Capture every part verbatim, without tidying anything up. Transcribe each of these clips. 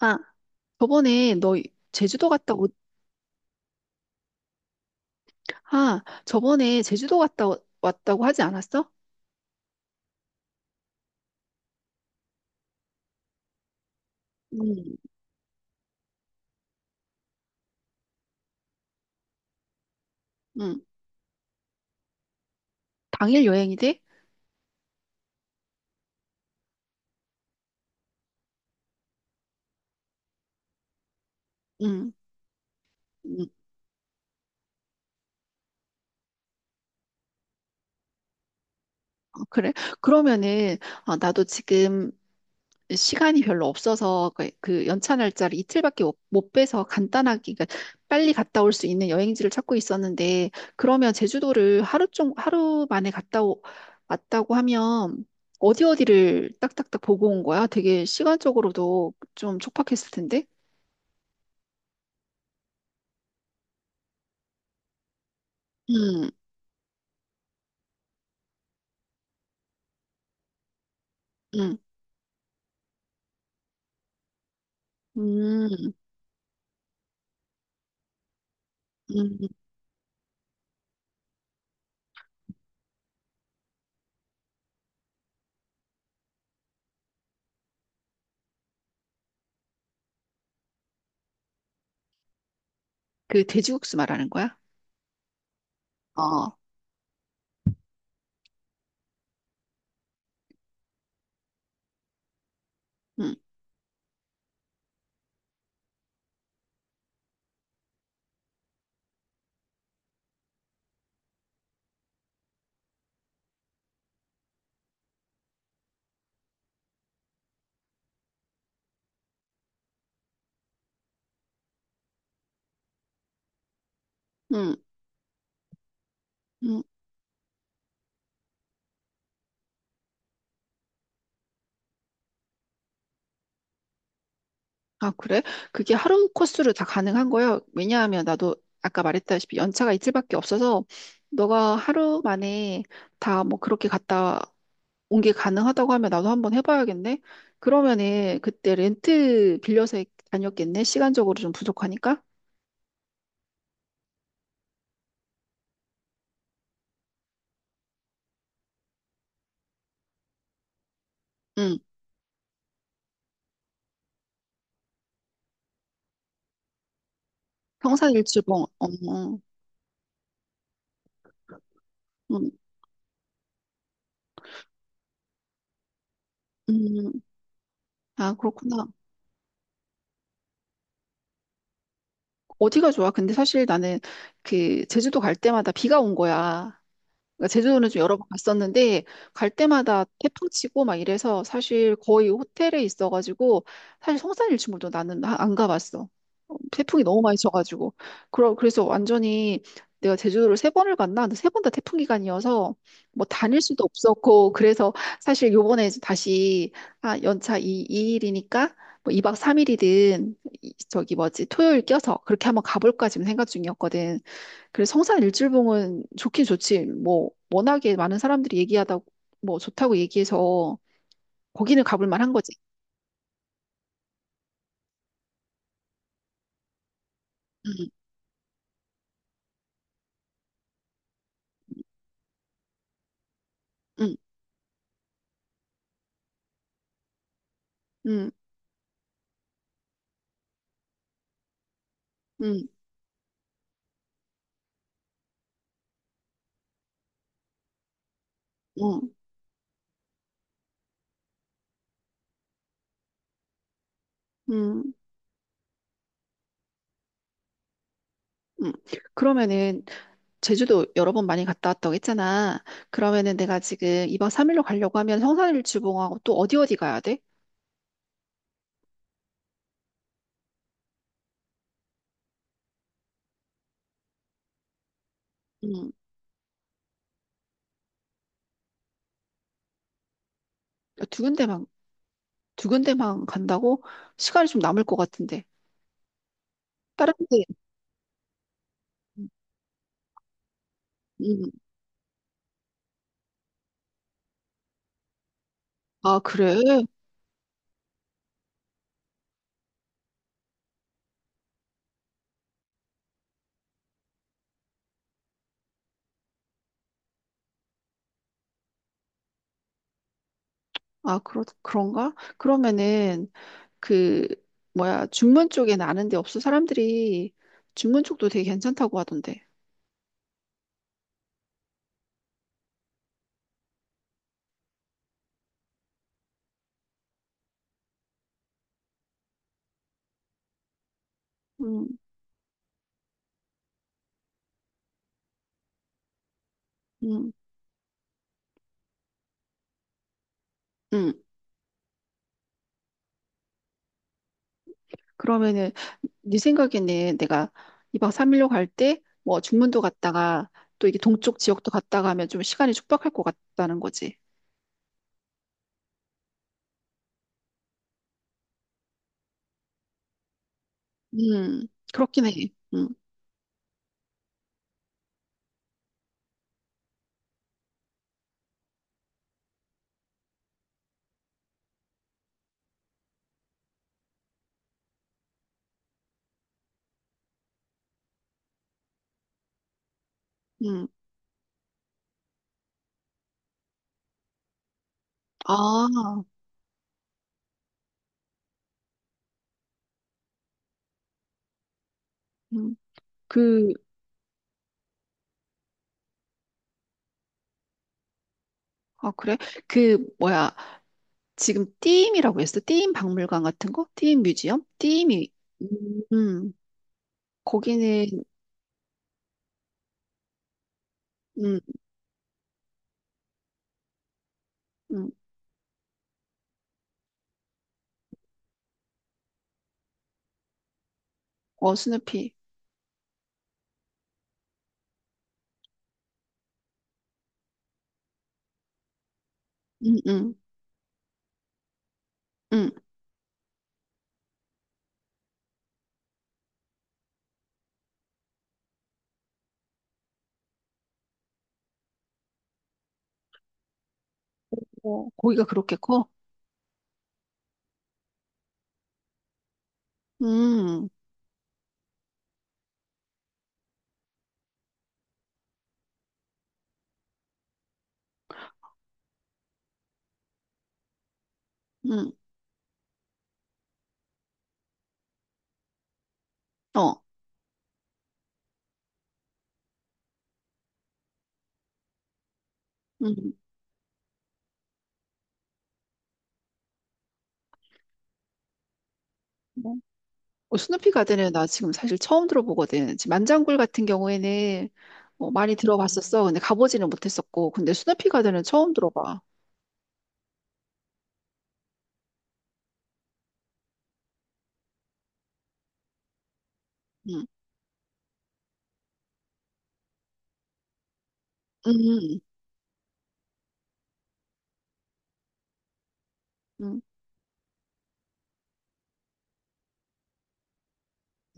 아, 저번에 너 제주도 갔다 오, 아, 저번에 제주도 갔다 오- 왔다고 하지 않았어? 응, 응. 당일 여행이 돼? 응, 응. 어, 그래. 그러면은, 어, 나도 지금 시간이 별로 없어서 그, 그 연차 날짜를 이틀밖에 못, 못 빼서 간단하게, 그러니까 빨리 갔다 올 수 있는 여행지를 찾고 있었는데, 그러면 제주도를 하루 종 하루 만에 갔다 오, 왔다고 하면 어디 어디를 딱딱딱 보고 온 거야? 되게 시간적으로도 좀 촉박했을 텐데. 음, 음, 음, 음. 그 돼지국수 말하는 거야? 어, 음, 음, 음. 아, 그래? 그게 하루 코스로 다 가능한 거예요? 왜냐하면 나도 아까 말했다시피 연차가 이틀밖에 없어서, 너가 하루 만에 다 뭐 그렇게 갔다 온 게 가능하다고 하면 나도 한번 해봐야겠네? 그러면은 그때 렌트 빌려서 다녔겠네? 시간적으로 좀 부족하니까? 응. 평산일출봉. 어, 어. 음, 음. 아, 그렇구나. 어디가 좋아? 근데 사실 나는 그 제주도 갈 때마다 비가 온 거야. 그러니까 제주도는 좀 여러 번 갔었는데 갈 때마다 태풍 치고 막 이래서 사실 거의 호텔에 있어가지고, 사실 성산일출봉도 나는 하- 안 가봤어. 어, 태풍이 너무 많이 쳐가지고, 그러, 그래서 완전히 내가 제주도를 세 번을 갔나? 근데 세 번 다 태풍 기간이어서 뭐 다닐 수도 없었고, 그래서 사실 요번에 이제 다시, 아 연차 이이일이니까뭐, 이 박 삼 일이든 저기 뭐지 토요일 껴서 그렇게 한번 가볼까 지금 생각 중이었거든. 그래서 성산일출봉은 좋긴 좋지. 뭐 워낙에 많은 사람들이 얘기하다 뭐 좋다고 얘기해서 거기는 가볼 만한 거지. 응, 응, 응, 응, 응, 응. 응. 그러면은 제주도 여러 번 많이 갔다 왔다고 했잖아. 그러면은 내가 지금 이 박 삼 일로 가려고 하면 성산일출봉하고 또 어디 어디 가야 돼? 응. 두 군데만, 두 군데만 간다고? 시간이 좀 남을 것 같은데. 다른 데. 음. 아, 그래? 아, 그러, 그런가? 그러면은 그 뭐야, 중문 쪽에 아는 데 없어? 사람들이 중문 쪽도 되게 괜찮다고 하던데. 음, 음, 음. 그러면은 네 생각에는 내가 이 박 삼 일로 갈 때 뭐 중문도 갔다가 또 이게 동쪽 지역도 갔다가 하면 좀 시간이 촉박할 것 같다는 거지. 음. 그렇긴 해. 음, 음. 아, 음. 그. 아, 그래? 그 뭐야, 지금 띠임이라고 했어? 띠임 박물관 같은 거? 띠임 뮤지엄? 띠임이. 음, 음. 거기는. 응. 음. 어, 스누피. 음, 음, 음. 어, 고기가 그렇게 커? 음, 음, 어, 음. 뭐, 어, 스누피 가든은 나 지금 사실 처음 들어보거든. 지금 만장굴 같은 경우에는 어, 많이 들어봤었어. 근데 가보지는 못했었고. 근데 스누피 가든은 처음 들어봐. 음, 음, 음,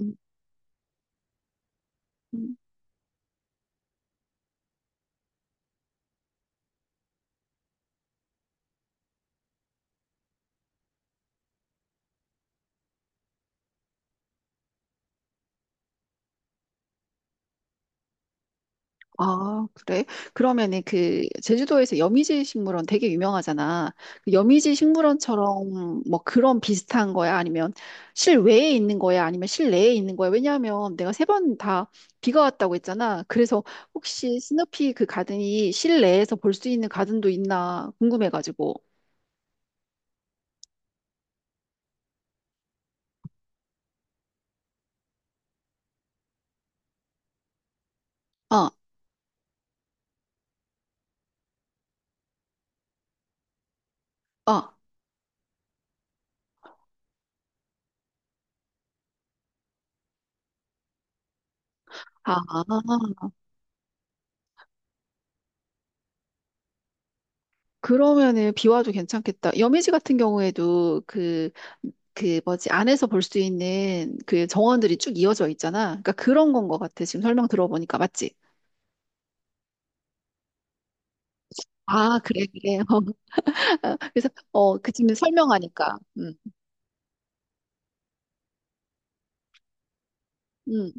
음, 음. 아, 그래? 그러면은 그 제주도에서 여미지 식물원 되게 유명하잖아. 그 여미지 식물원처럼 뭐 그런 비슷한 거야? 아니면 실외에 있는 거야? 아니면 실내에 있는 거야? 왜냐하면 내가 세 번 다 비가 왔다고 했잖아. 그래서 혹시 스누피 그 가든이 실내에서 볼 수 있는 가든도 있나 궁금해가지고. 어, 어, 아, 아. 그러면은 비와도 괜찮겠다. 여미지 같은 경우에도 그, 그 뭐지, 안에서 볼 수 있는 그 정원들이 쭉 이어져 있잖아. 그러니까 그런 건 것 같아. 지금 설명 들어보니까. 맞지? 아, 그래, 그래. 그래서, 어, 그 지금 설명하니까. 음, 음,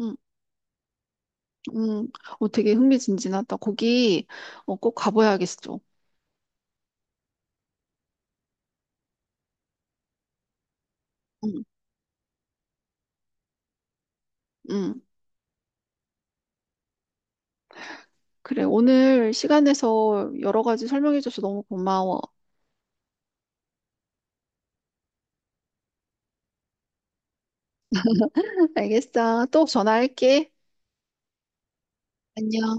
음, 음. 어, 되게 흥미진진하다. 거기. 어, 꼭 가봐야겠어. 음, 음. 그래, 오늘 시간 내서 여러 가지 설명해줘서 너무 고마워. 알겠어. 또 전화할게. 안녕.